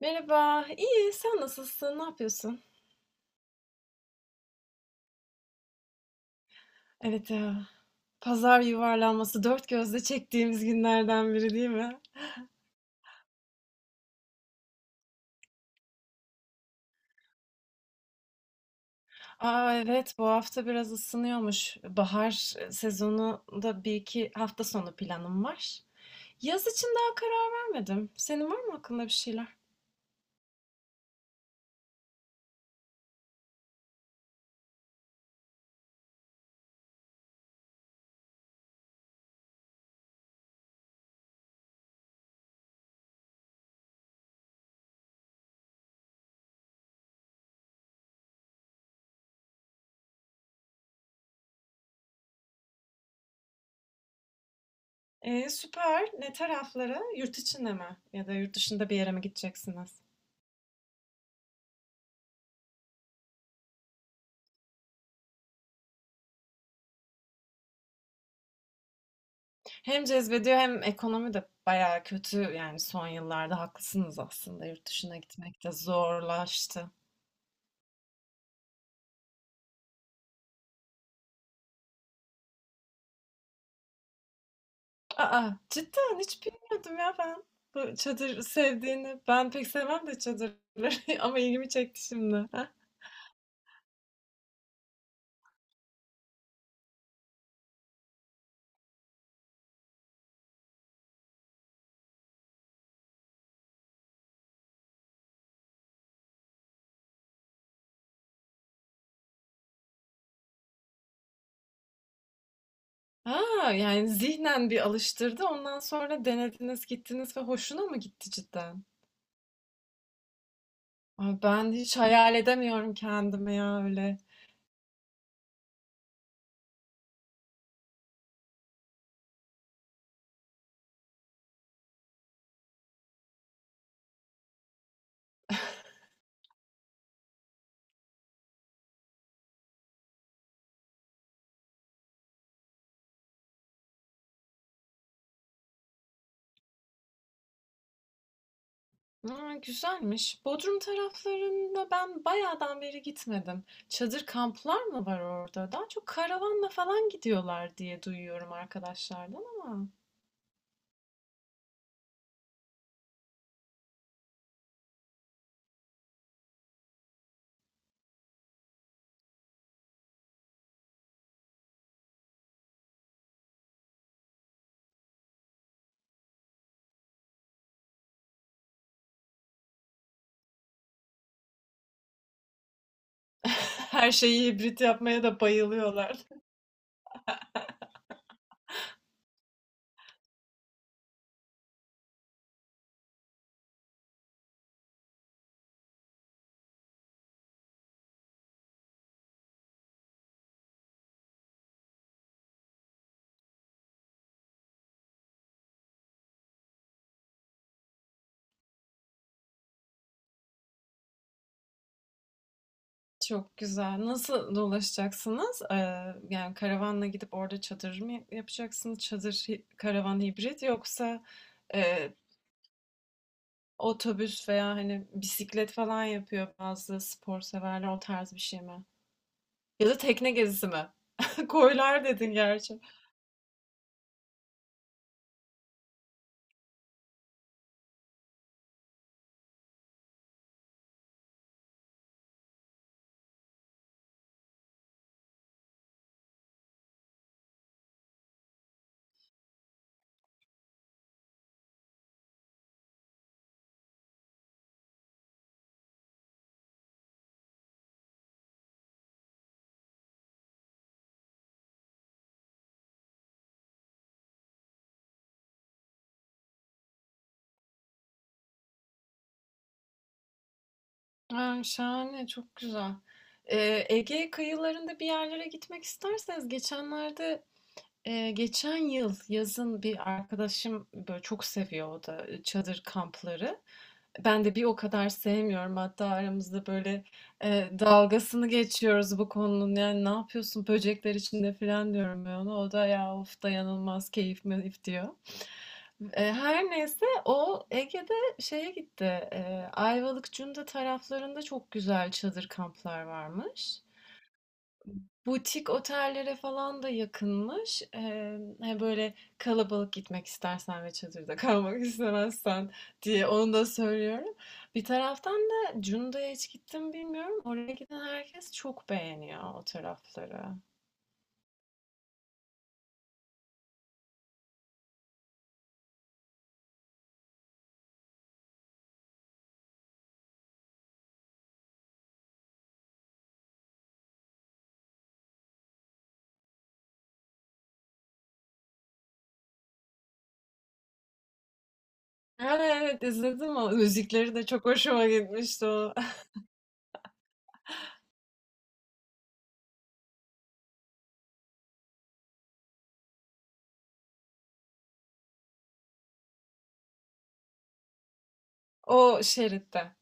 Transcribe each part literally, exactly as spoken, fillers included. Merhaba, iyi. Sen nasılsın? Ne yapıyorsun? Evet ya. Pazar yuvarlanması dört gözle çektiğimiz günlerden biri değil mi? Aa evet, bu hafta biraz ısınıyormuş. Bahar sezonunda bir iki hafta sonu planım var. Yaz için daha karar vermedim. Senin var mı aklında bir şeyler? Ee, süper. Ne taraflara? Yurt içinde mi? Ya da yurt dışında bir yere mi gideceksiniz? Hem cezbediyor hem ekonomi de bayağı kötü, yani son yıllarda haklısınız, aslında yurt dışına gitmek de zorlaştı. Aa cidden hiç bilmiyordum ya ben bu çadır sevdiğini. Ben pek sevmem de çadırları ama ilgimi çekti şimdi. Ha, ha, yani zihnen bir alıştırdı, ondan sonra denediniz gittiniz ve hoşuna mı gitti cidden? Ay, ben hiç hayal edemiyorum kendime ya öyle. Aa, güzelmiş. Bodrum taraflarında ben bayağıdan beri gitmedim. Çadır kamplar mı var orada? Daha çok karavanla falan gidiyorlar diye duyuyorum arkadaşlardan ama her şeyi hibrit yapmaya da bayılıyorlar. Çok güzel. Nasıl dolaşacaksınız? Ee, yani karavanla gidip orada çadır mı yapacaksınız? Çadır, hi- karavan hibrit yoksa e, otobüs veya hani bisiklet falan yapıyor bazı spor severler, o tarz bir şey mi? Ya da tekne gezisi mi? Koylar dedin gerçi. Ha, şahane, çok güzel. Ee, Ege kıyılarında bir yerlere gitmek isterseniz, geçenlerde e, geçen yıl yazın bir arkadaşım böyle çok seviyor, o da çadır kampları. Ben de bir o kadar sevmiyorum. Hatta aramızda böyle e, dalgasını geçiyoruz bu konunun. Yani ne yapıyorsun böcekler içinde falan diyorum ben ona. O da ya of dayanılmaz keyif meyif diyor. E, her neyse o Ege'de şeye gitti. E, Ayvalık Cunda taraflarında çok güzel çadır kamplar varmış. Butik otellere falan da yakınmış. Eee, hani böyle kalabalık gitmek istersen ve çadırda kalmak istemezsen diye onu da söylüyorum. Bir taraftan da Cunda'ya hiç gittim bilmiyorum. Oraya giden herkes çok beğeniyor o tarafları. Ha, evet izledim o. Müzikleri de çok hoşuma gitmişti o. O şeritte.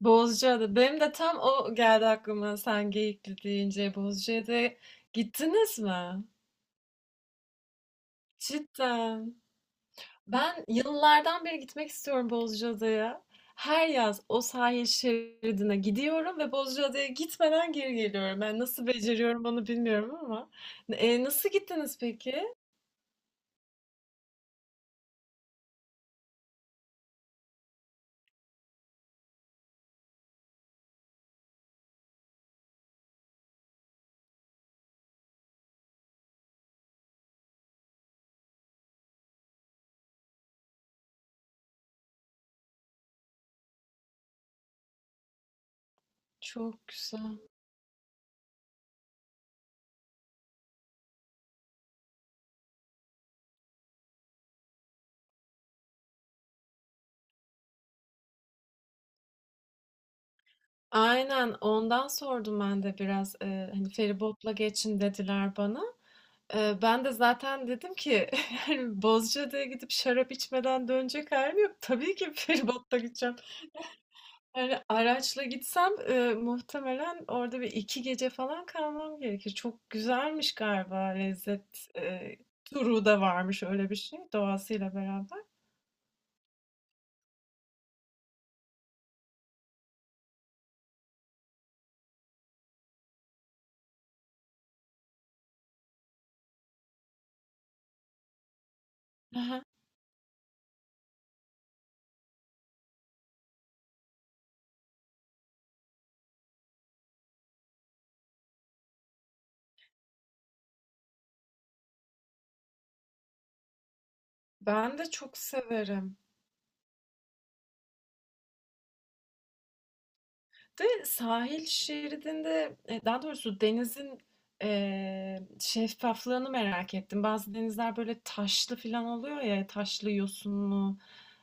Bozcaada. Benim de tam o geldi aklıma sen Geyikli deyince. Bozcaada'ya gittiniz mi? Cidden. Ben yıllardan beri gitmek istiyorum Bozcaada'ya. Her yaz o sahil şeridine gidiyorum ve Bozcaada'ya gitmeden geri geliyorum. Ben nasıl beceriyorum onu bilmiyorum ama. E, nasıl gittiniz peki? Çok güzel. Aynen ondan sordum ben de biraz. E, hani feribotla geçin dediler bana. E, ben de zaten dedim ki yani Bozcaada'ya gidip şarap içmeden dönecek halim yok. Tabii ki feribotla gideceğim. Yani araçla gitsem, eee, muhtemelen orada bir iki gece falan kalmam gerekir. Çok güzelmiş galiba lezzet, eee, turu da varmış öyle bir şey, doğasıyla beraber. Hı, ben de çok severim. De sahil şeridinde, e, daha doğrusu denizin eee, şeffaflığını merak ettim. Bazı denizler böyle taşlı falan oluyor ya, taşlı, yosunlu.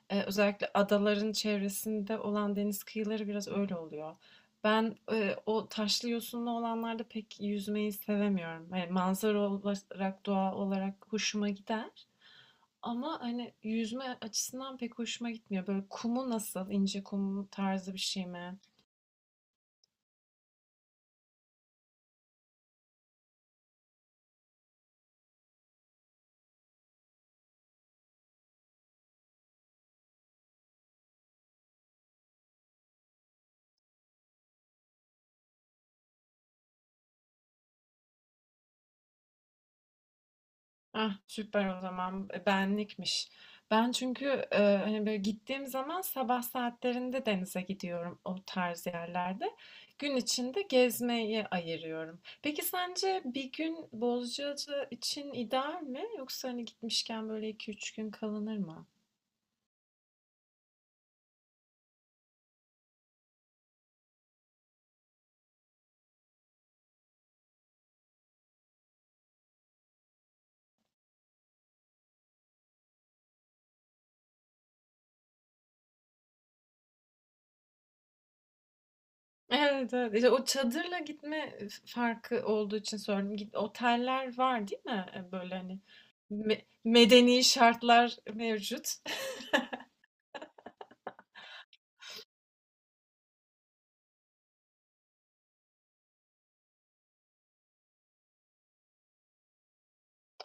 E, özellikle adaların çevresinde olan deniz kıyıları biraz öyle oluyor. Ben e, o taşlı yosunlu olanlarda pek yüzmeyi sevemiyorum. Yani manzara olarak, doğa olarak hoşuma gider. Ama hani yüzme açısından pek hoşuma gitmiyor. Böyle kumu nasıl, ince kum tarzı bir şey mi? Ah, süper o zaman. E, benlikmiş. Ben çünkü e, hani böyle gittiğim zaman sabah saatlerinde denize gidiyorum o tarz yerlerde. Gün içinde gezmeyi ayırıyorum. Peki sence bir gün Bozcaada için ideal mi? Yoksa hani gitmişken böyle iki üç gün kalınır mı? Evet, evet. İşte o çadırla gitme farkı olduğu için sordum. Git, oteller var değil mi? E, böyle hani me- medeni şartlar mevcut.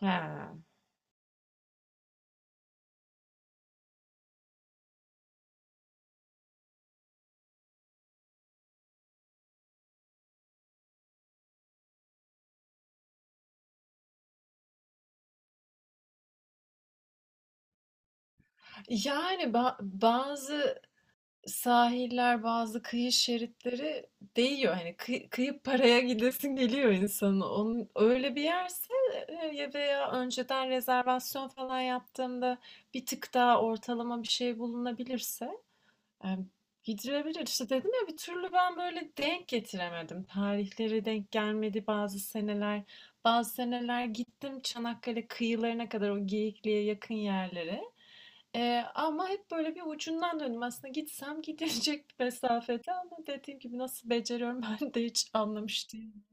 Ha. Yani ba- bazı sahiller, bazı kıyı şeritleri değiyor. Hani kı- kıyıp paraya gidesin geliyor insanın. Onun, öyle bir yerse e, ya veya önceden rezervasyon falan yaptığımda bir tık daha ortalama bir şey bulunabilirse e, gidilebilir. İşte dedim ya bir türlü ben böyle denk getiremedim. Tarihleri denk gelmedi bazı seneler. Bazı seneler gittim Çanakkale kıyılarına kadar, o Geyikli'ye yakın yerlere. Eee, ama hep böyle bir ucundan döndüm. Aslında gitsem gidilecek bir mesafede, ama dediğim gibi nasıl beceriyorum ben de hiç anlamış değilim.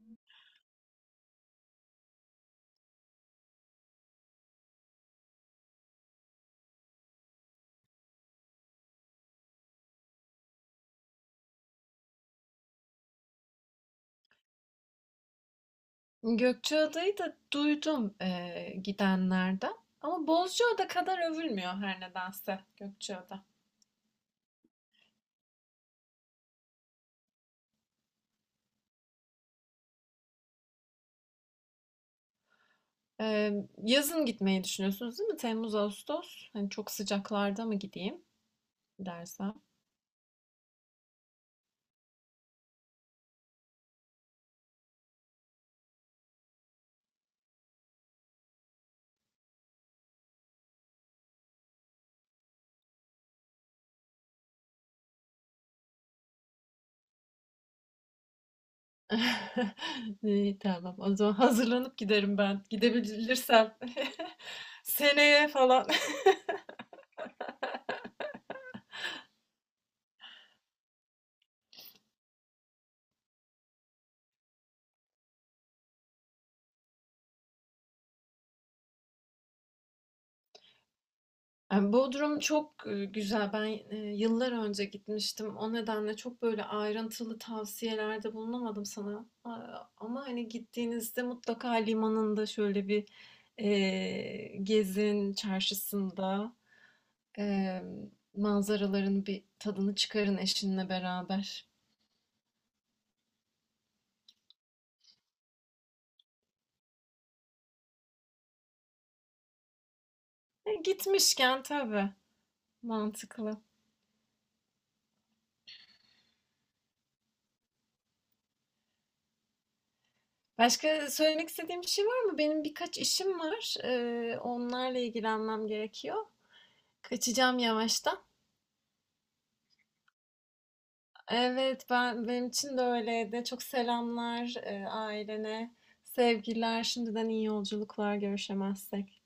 Gökçeada'yı da duydum eee, gidenlerden. Ama Bozcaada kadar övülmüyor her nedense Gökçeada. Eee, yazın gitmeyi düşünüyorsunuz değil mi? Temmuz, Ağustos. Hani çok sıcaklarda mı gideyim dersem? İyi tamam. O zaman hazırlanıp giderim ben. Gidebilirsem. Seneye falan. Eee, Bodrum çok, eee, güzel. Ben, eee, yıllar önce gitmiştim. O nedenle çok böyle ayrıntılı tavsiyelerde bulunamadım sana. Aaa, ama hani gittiğinizde mutlaka limanında şöyle bir, eee, gezin, çarşısında, emm, manzaraların bir tadını çıkarın eşinle beraber. E, gitmişken tabii, mantıklı. Başka söylemek istediğim bir şey var mı? Benim birkaç işim var. Eee, onlarla ilgilenmem gerekiyor. Kaçacağım yavaştan. Evet, ben benim için de öyleydi. Çok selamlar e, ailene, sevgiler, şimdiden iyi yolculuklar görüşemezsek.